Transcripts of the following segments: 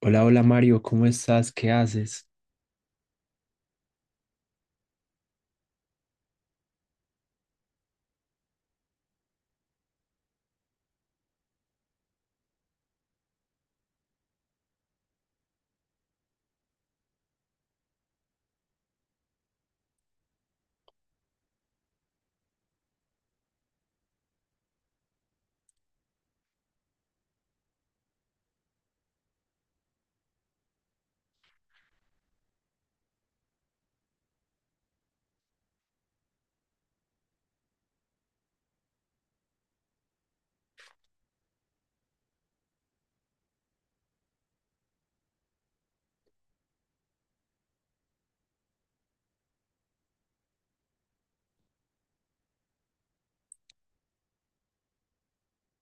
Hola, hola Mario, ¿cómo estás? ¿Qué haces?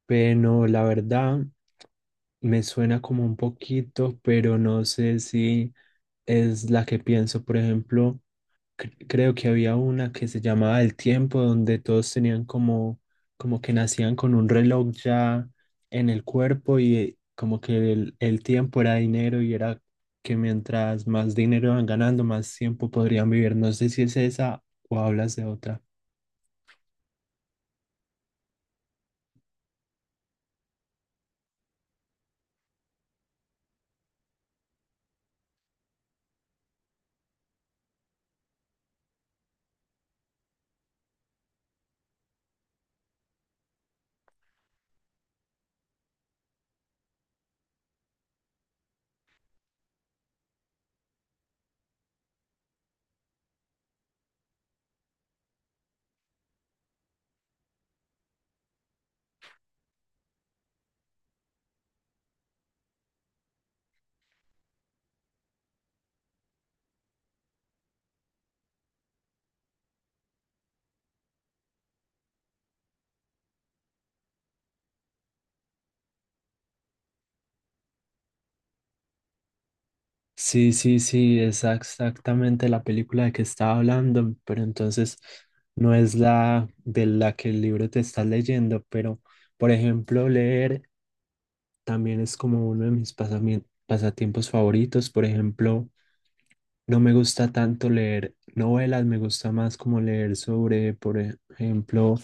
Bueno, la verdad me suena como un poquito, pero no sé si es la que pienso. Por ejemplo, creo que había una que se llamaba El Tiempo, donde todos tenían como, como que nacían con un reloj ya en el cuerpo y como que el tiempo era dinero y era que mientras más dinero iban ganando, más tiempo podrían vivir. No sé si es esa o hablas de otra. Sí, sí, sí, es exactamente la película de que estaba hablando, pero entonces no es la de la que el libro te está leyendo, pero por ejemplo, leer también es como uno de mis pasatiempos favoritos, por ejemplo. No me gusta tanto leer novelas, me gusta más como leer sobre, por ejemplo,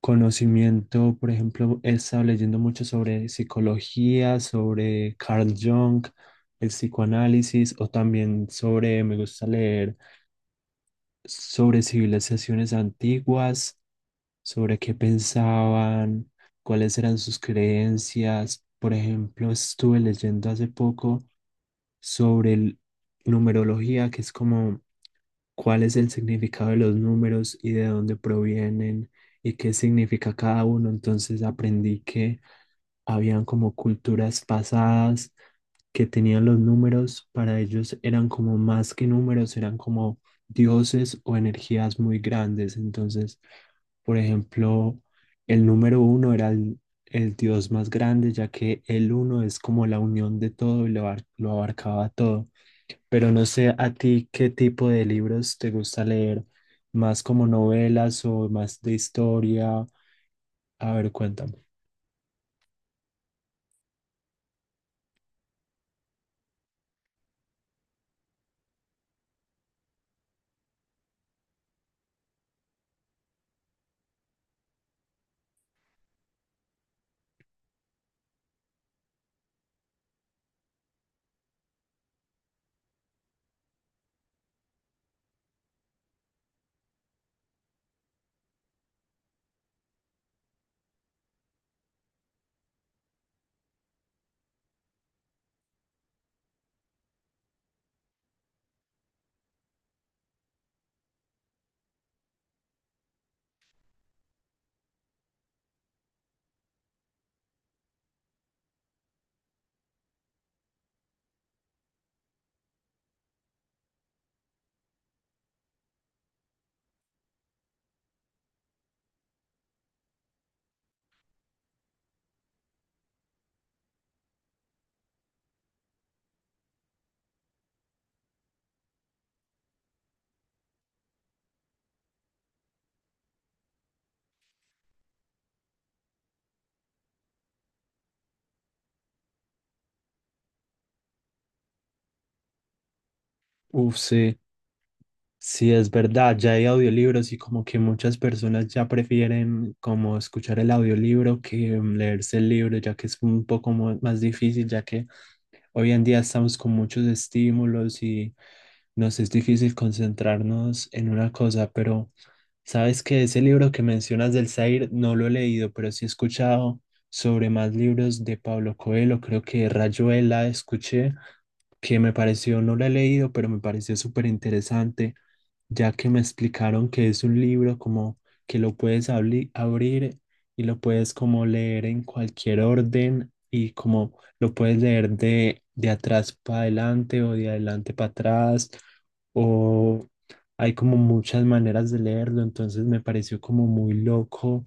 conocimiento. Por ejemplo, he estado leyendo mucho sobre psicología, sobre Carl Jung, el psicoanálisis, o también sobre, me gusta leer sobre civilizaciones antiguas, sobre qué pensaban, cuáles eran sus creencias. Por ejemplo, estuve leyendo hace poco sobre numerología, que es como cuál es el significado de los números y de dónde provienen y qué significa cada uno. Entonces aprendí que habían como culturas pasadas que tenían los números, para ellos eran como más que números, eran como dioses o energías muy grandes. Entonces, por ejemplo, el número uno era el dios más grande, ya que el uno es como la unión de todo y lo abarcaba todo. Pero no sé a ti qué tipo de libros te gusta leer, más como novelas o más de historia. A ver, cuéntame. Uf, sí, sí, es verdad, ya hay audiolibros y como que muchas personas ya prefieren como escuchar el audiolibro que leerse el libro, ya que es un poco más difícil, ya que hoy en día estamos con muchos estímulos y nos es difícil concentrarnos en una cosa, pero... Sabes que ese libro que mencionas del Zair no lo he leído, pero sí he escuchado sobre más libros de Pablo Coelho, creo que Rayuela escuché, que me pareció, no la he leído, pero me pareció súper interesante, ya que me explicaron que es un libro como que lo puedes abrir y lo puedes como leer en cualquier orden y como lo puedes leer de atrás para adelante o de adelante para atrás o hay como muchas maneras de leerlo, entonces me pareció como muy loco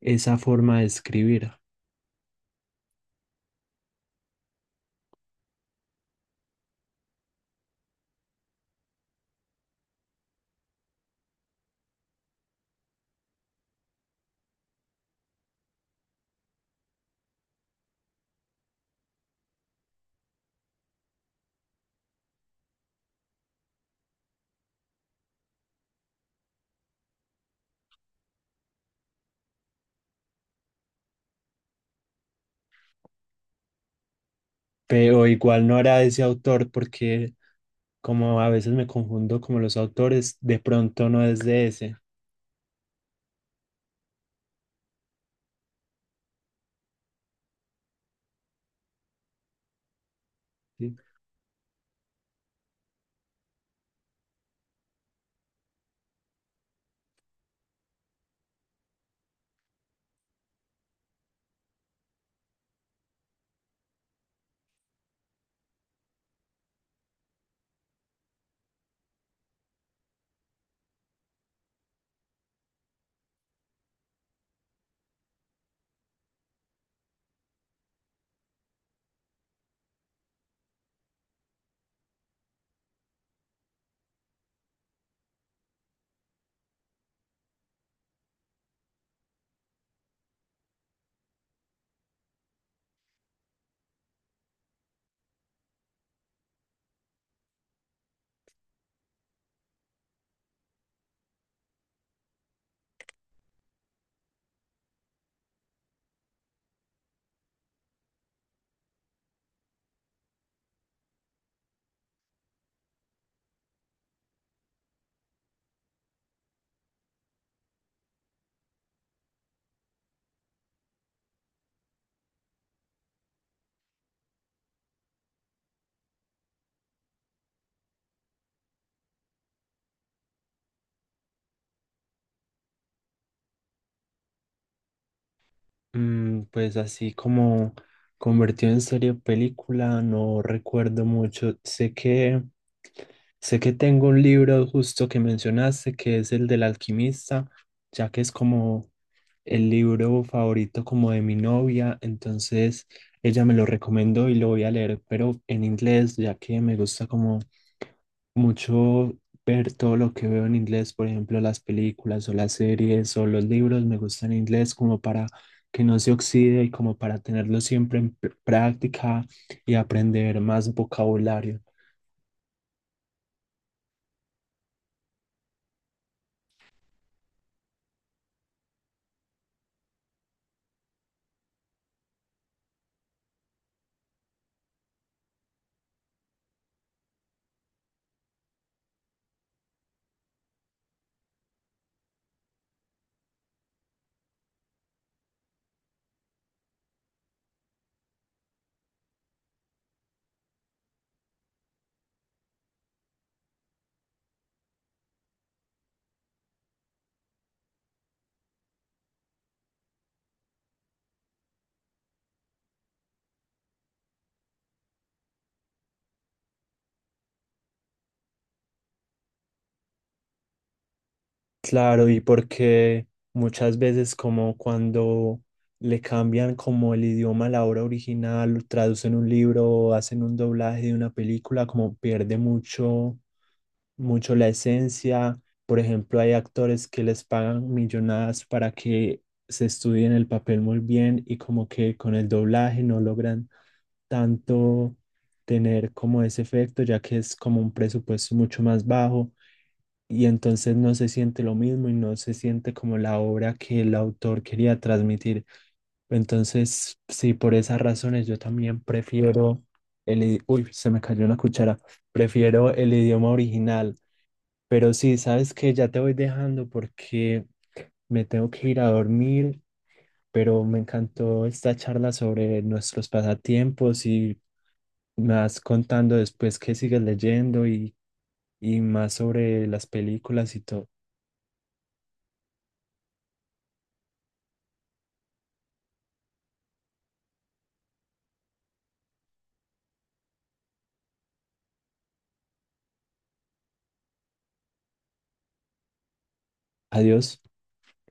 esa forma de escribir. Pero igual no era ese autor porque como a veces me confundo como los autores, de pronto no es de ese. ¿Sí? Mm, pues así como convertido en serie o película, no recuerdo mucho. Sé que tengo un libro justo que mencionaste, que es el del alquimista, ya que es como el libro favorito como de mi novia, entonces ella me lo recomendó y lo voy a leer, pero en inglés, ya que me gusta como mucho ver todo lo que veo en inglés, por ejemplo, las películas o las series o los libros me gustan en inglés como para que no se oxide y como para tenerlo siempre en práctica y aprender más vocabulario. Claro, y porque muchas veces como cuando le cambian como el idioma a la obra original, traducen un libro o hacen un doblaje de una película, como pierde mucho mucho la esencia. Por ejemplo, hay actores que les pagan millonadas para que se estudien el papel muy bien y como que con el doblaje no logran tanto tener como ese efecto, ya que es como un presupuesto mucho más bajo y entonces no se siente lo mismo y no se siente como la obra que el autor quería transmitir. Entonces, sí, por esas razones yo también prefiero el... Uy, se me cayó una cuchara. Prefiero el idioma original, pero sí, sabes que ya te voy dejando porque me tengo que ir a dormir, pero me encantó esta charla sobre nuestros pasatiempos y me vas contando después qué sigues leyendo y más sobre las películas y todo. Adiós.